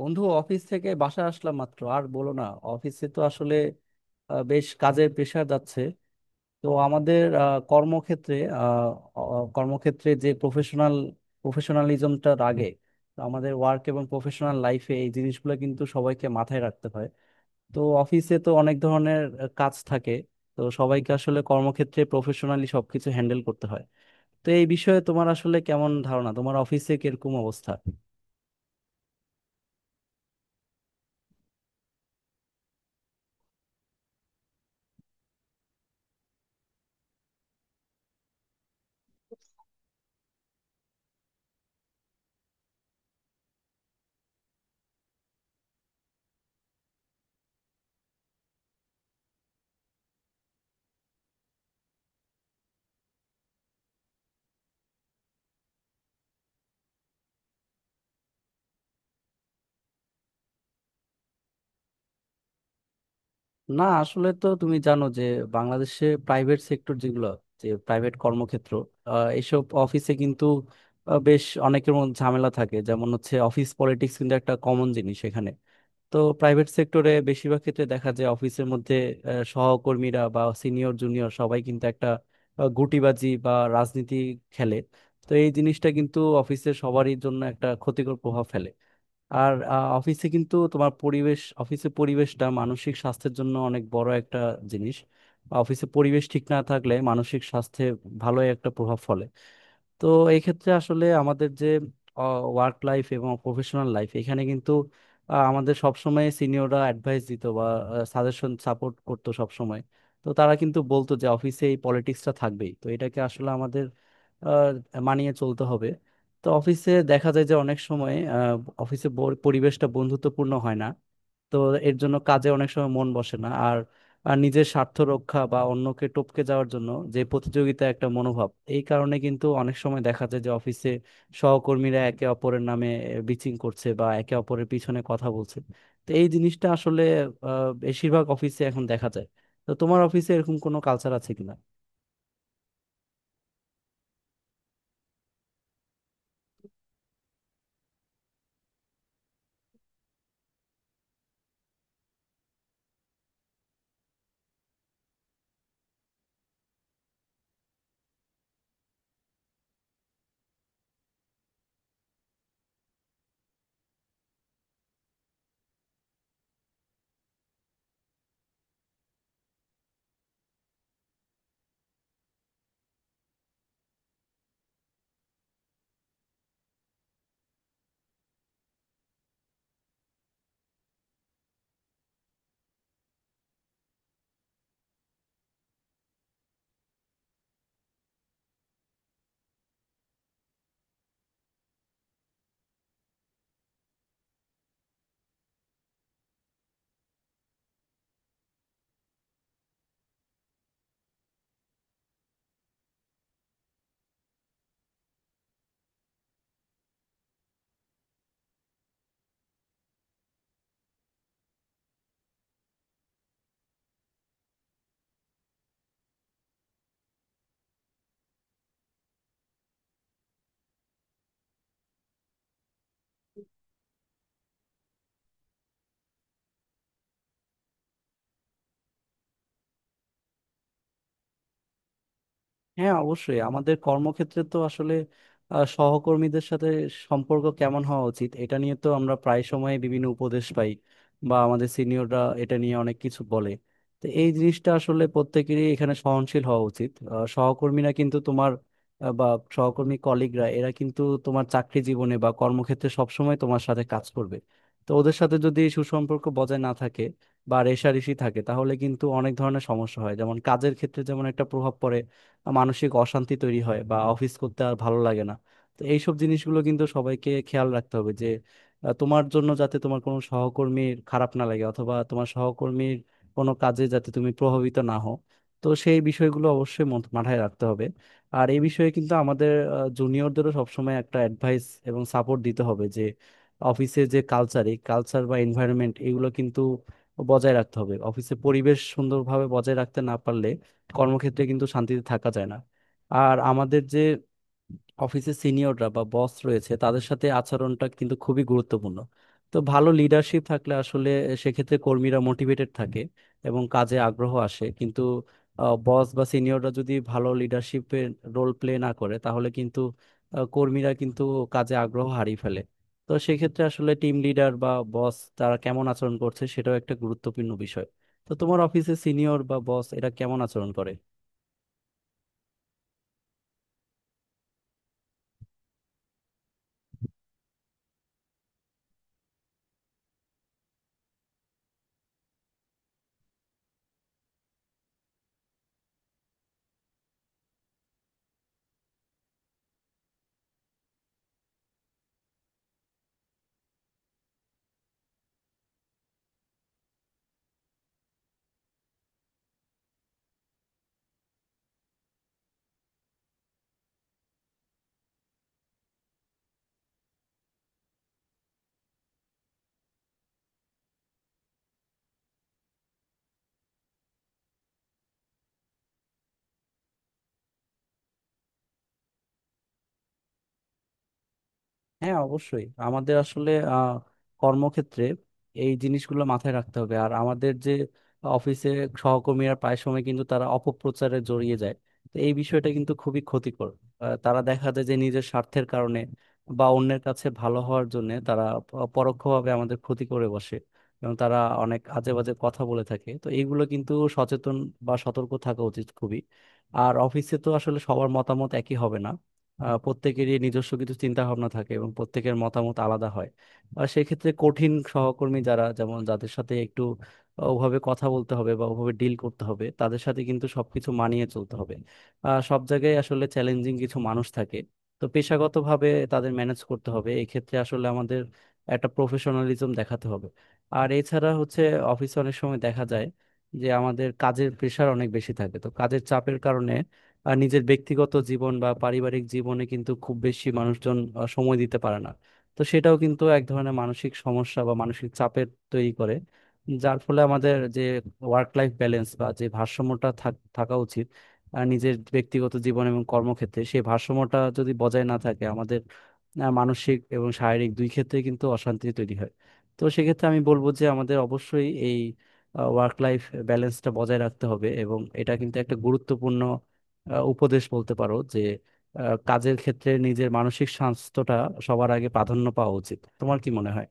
বন্ধু, অফিস থেকে বাসা আসলাম মাত্র। আর বলো না, অফিসে তো আসলে বেশ কাজের প্রেশার যাচ্ছে। তো আমাদের কর্মক্ষেত্রে আহ, কর্মক্ষেত্রে যে প্রফেশনাল প্রফেশনালিজমটা লাগে। তো আমাদের ওয়ার্ক এবং প্রফেশনাল লাইফে এই জিনিসগুলো কিন্তু সবাইকে মাথায় রাখতে হয়। তো অফিসে তো অনেক ধরনের কাজ থাকে। তো সবাইকে আসলে কর্মক্ষেত্রে প্রফেশনালি সবকিছু হ্যান্ডেল করতে হয়। তো এই বিষয়ে তোমার আসলে কেমন ধারণা, তোমার অফিসে কিরকম অবস্থা? না, আসলে তো তুমি জানো যে বাংলাদেশে প্রাইভেট সেক্টর যেগুলো, যে প্রাইভেট কর্মক্ষেত্র, এসব অফিসে কিন্তু বেশ অনেকের মধ্যে ঝামেলা থাকে, যেমন হচ্ছে অফিস পলিটিক্স কিন্তু একটা কমন জিনিস এখানে। তো প্রাইভেট সেক্টরে বেশিরভাগ ক্ষেত্রে দেখা যায় অফিসের মধ্যে আহ, সহকর্মীরা বা সিনিয়র জুনিয়র সবাই কিন্তু একটা গুটিবাজি বা রাজনীতি খেলে। তো এই জিনিসটা কিন্তু অফিসের সবারই জন্য একটা ক্ষতিকর প্রভাব ফেলে। আর অফিসে কিন্তু তোমার পরিবেশ, অফিসে পরিবেশটা মানসিক স্বাস্থ্যের জন্য অনেক বড় একটা জিনিস। অফিসে পরিবেশ ঠিক না থাকলে মানসিক স্বাস্থ্যে ভালো একটা প্রভাব ফলে। তো এই ক্ষেত্রে আসলে আমাদের যে ওয়ার্ক লাইফ এবং প্রফেশনাল লাইফ, এখানে কিন্তু আমাদের সবসময় সিনিয়ররা অ্যাডভাইস দিত বা সাজেশন সাপোর্ট করতো সবসময়। তো তারা কিন্তু বলতো যে অফিসে এই পলিটিক্সটা থাকবেই, তো এটাকে আসলে আমাদের মানিয়ে চলতে হবে। তো অফিসে দেখা যায় যে অনেক সময় অফিসে পরিবেশটা বন্ধুত্বপূর্ণ হয় না। তো এর জন্য কাজে অনেক সময় মন বসে না। আর নিজের স্বার্থ রক্ষা বা অন্যকে টপকে যাওয়ার জন্য যে প্রতিযোগিতা একটা মনোভাব, এই কারণে কিন্তু অনেক সময় দেখা যায় যে অফিসে সহকর্মীরা একে অপরের নামে বিচিং করছে বা একে অপরের পিছনে কথা বলছে। তো এই জিনিসটা আসলে বেশিরভাগ অফিসে এখন দেখা যায়। তো তোমার অফিসে এরকম কোনো কালচার আছে কিনা? হ্যাঁ, অবশ্যই আমাদের কর্মক্ষেত্রে তো আসলে সহকর্মীদের সাথে সম্পর্ক কেমন হওয়া উচিত এটা নিয়ে তো আমরা প্রায় সময় বিভিন্ন উপদেশ পাই বা আমাদের সিনিয়ররা এটা নিয়ে অনেক কিছু বলে। তো এই জিনিসটা আসলে প্রত্যেকেরই এখানে সহনশীল হওয়া উচিত। সহকর্মীরা কিন্তু তোমার আহ, বা সহকর্মী কলিগরা, এরা কিন্তু তোমার চাকরি জীবনে বা কর্মক্ষেত্রে সবসময় তোমার সাথে কাজ করবে। তো ওদের সাথে যদি সুসম্পর্ক বজায় না থাকে বা রেষারেষি থাকে, তাহলে কিন্তু অনেক ধরনের সমস্যা হয়, যেমন কাজের ক্ষেত্রে যেমন একটা প্রভাব পড়ে, মানসিক অশান্তি তৈরি হয় বা অফিস করতে আর ভালো লাগে না। তো এইসব জিনিসগুলো কিন্তু সবাইকে খেয়াল রাখতে হবে যে তোমার জন্য যাতে তোমার কোনো সহকর্মীর খারাপ না লাগে, অথবা তোমার সহকর্মীর কোনো কাজে যাতে তুমি প্রভাবিত না হও। তো সেই বিষয়গুলো অবশ্যই মাথায় রাখতে হবে। আর এই বিষয়ে কিন্তু আমাদের জুনিয়রদেরও সবসময় একটা অ্যাডভাইস এবং সাপোর্ট দিতে হবে যে অফিসে যে কালচার, এই কালচার বা এনভায়রনমেন্ট, এগুলো কিন্তু বজায় রাখতে হবে। অফিসে পরিবেশ সুন্দরভাবে বজায় রাখতে না পারলে কর্মক্ষেত্রে কিন্তু শান্তিতে থাকা যায় না। আর আমাদের যে অফিসে সিনিয়ররা বা বস রয়েছে তাদের সাথে আচরণটা কিন্তু খুবই গুরুত্বপূর্ণ। তো ভালো লিডারশিপ থাকলে আসলে সেক্ষেত্রে কর্মীরা মোটিভেটেড থাকে এবং কাজে আগ্রহ আসে, কিন্তু বস বা সিনিয়ররা যদি ভালো লিডারশিপের রোল প্লে না করে, তাহলে কিন্তু কর্মীরা কিন্তু কাজে আগ্রহ হারিয়ে ফেলে। তো সেক্ষেত্রে আসলে টিম লিডার বা বস তারা কেমন আচরণ করছে সেটাও একটা গুরুত্বপূর্ণ বিষয়। তো তোমার অফিসে সিনিয়র বা বস এরা কেমন আচরণ করে? হ্যাঁ, অবশ্যই আমাদের আসলে কর্মক্ষেত্রে এই জিনিসগুলো মাথায় রাখতে হবে। আর আমাদের যে অফিসে সহকর্মীরা প্রায় সময় কিন্তু তারা অপপ্রচারে জড়িয়ে যায়। তো এই বিষয়টা কিন্তু খুবই ক্ষতিকর। তারা দেখা যায় যে নিজের স্বার্থের কারণে বা অন্যের কাছে ভালো হওয়ার জন্য তারা পরোক্ষভাবে আমাদের ক্ষতি করে বসে এবং তারা অনেক আজে বাজে কথা বলে থাকে। তো এইগুলো কিন্তু সচেতন বা সতর্ক থাকা উচিত খুবই। আর অফিসে তো আসলে সবার মতামত একই হবে না। প্রত্যেকেরই নিজস্ব কিছু চিন্তা ভাবনা থাকে এবং প্রত্যেকের মতামত আলাদা হয়। আর সেক্ষেত্রে কঠিন সহকর্মী যারা, যেমন যাদের সাথে একটু ওভাবে কথা বলতে হবে বা ওভাবে ডিল করতে হবে, তাদের সাথে কিন্তু সবকিছু মানিয়ে চলতে হবে। সব জায়গায় আসলে চ্যালেঞ্জিং কিছু মানুষ থাকে। তো পেশাগতভাবে তাদের ম্যানেজ করতে হবে। এক্ষেত্রে আসলে আমাদের একটা প্রফেশনালিজম দেখাতে হবে। আর এছাড়া হচ্ছে অফিসে অনেক সময় দেখা যায় যে আমাদের কাজের প্রেশার অনেক বেশি থাকে। তো কাজের চাপের কারণে আর নিজের ব্যক্তিগত জীবন বা পারিবারিক জীবনে কিন্তু খুব বেশি মানুষজন সময় দিতে পারে না। তো সেটাও কিন্তু এক ধরনের মানসিক সমস্যা বা মানসিক চাপের তৈরি করে, যার ফলে আমাদের যে ওয়ার্ক লাইফ ব্যালেন্স বা যে ভারসাম্যটা থাকা উচিত, নিজের ব্যক্তিগত জীবন এবং কর্মক্ষেত্রে সেই ভারসাম্যটা যদি বজায় না থাকে, আমাদের মানসিক এবং শারীরিক দুই ক্ষেত্রে কিন্তু অশান্তি তৈরি হয়। তো সেক্ষেত্রে আমি বলবো যে আমাদের অবশ্যই এই ওয়ার্ক লাইফ ব্যালেন্সটা বজায় রাখতে হবে এবং এটা কিন্তু একটা গুরুত্বপূর্ণ উপদেশ বলতে পারো যে কাজের ক্ষেত্রে নিজের মানসিক স্বাস্থ্যটা সবার আগে প্রাধান্য পাওয়া উচিত। তোমার কি মনে হয়?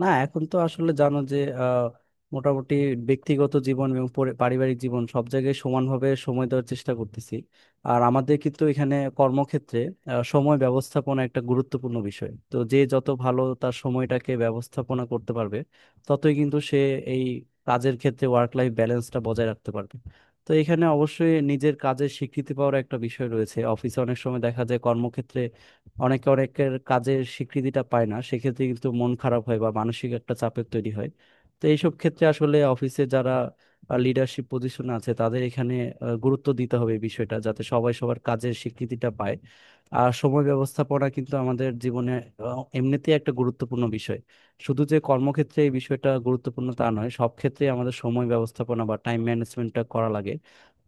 না, এখন তো আসলে জানো যে মোটামুটি ব্যক্তিগত জীবন এবং পারিবারিক জীবন সব জায়গায় সমানভাবে সময় দেওয়ার চেষ্টা করতেছি। আর আমাদের কিন্তু এখানে কর্মক্ষেত্রে সময় ব্যবস্থাপনা একটা গুরুত্বপূর্ণ বিষয়। তো যে যত ভালো তার সময়টাকে ব্যবস্থাপনা করতে পারবে, ততই কিন্তু সে এই কাজের ক্ষেত্রে ওয়ার্ক লাইফ ব্যালেন্সটা বজায় রাখতে পারবে। তো এখানে অবশ্যই নিজের কাজের স্বীকৃতি পাওয়ার একটা বিষয় রয়েছে। অফিসে অনেক সময় দেখা যায় কর্মক্ষেত্রে অনেকে অনেকের কাজের স্বীকৃতিটা পায় না, সেক্ষেত্রে কিন্তু মন খারাপ হয় বা মানসিক একটা চাপের তৈরি হয়। তো এইসব ক্ষেত্রে আসলে অফিসে যারা লিডারশিপ পজিশনে আছে তাদের এখানে গুরুত্ব দিতে হবে এই বিষয়টা, যাতে সবাই সবার কাজের স্বীকৃতিটা পায়। আর সময় ব্যবস্থাপনা কিন্তু আমাদের জীবনে এমনিতেই একটা গুরুত্বপূর্ণ বিষয়। শুধু যে কর্মক্ষেত্রে এই বিষয়টা গুরুত্বপূর্ণ তা নয়, সব ক্ষেত্রে আমাদের সময় ব্যবস্থাপনা বা টাইম ম্যানেজমেন্টটা করা লাগে।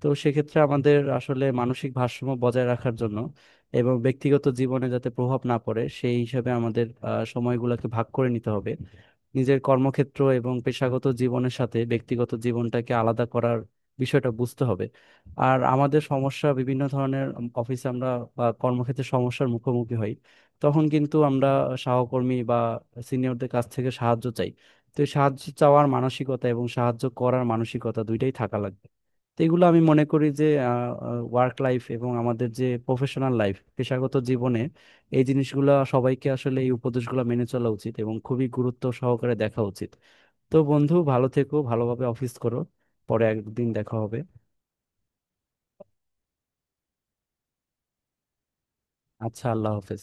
তো সেক্ষেত্রে আমাদের আসলে মানসিক ভারসাম্য বজায় রাখার জন্য এবং ব্যক্তিগত জীবনে যাতে প্রভাব না পড়ে সেই হিসাবে আমাদের সময়গুলোকে ভাগ করে নিতে হবে। নিজের কর্মক্ষেত্র এবং পেশাগত জীবনের সাথে ব্যক্তিগত জীবনটাকে আলাদা করার বিষয়টা বুঝতে হবে। আর আমাদের সমস্যা বিভিন্ন ধরনের, অফিসে আমরা বা কর্মক্ষেত্রে সমস্যার মুখোমুখি হই, তখন কিন্তু আমরা সহকর্মী বা সিনিয়রদের কাছ থেকে সাহায্য চাই। তো এই সাহায্য চাওয়ার মানসিকতা এবং সাহায্য করার মানসিকতা দুইটাই থাকা লাগবে। তো এগুলো আমি মনে করি যে ওয়ার্ক লাইফ এবং আমাদের যে প্রফেশনাল লাইফ পেশাগত জীবনে এই জিনিসগুলো সবাইকে আসলে এই উপদেশগুলো মেনে চলা উচিত এবং খুবই গুরুত্ব সহকারে দেখা উচিত। তো বন্ধু, ভালো থেকো, ভালোভাবে অফিস করো। পরে একদিন দেখা হবে। আচ্ছা, আল্লাহ হাফেজ।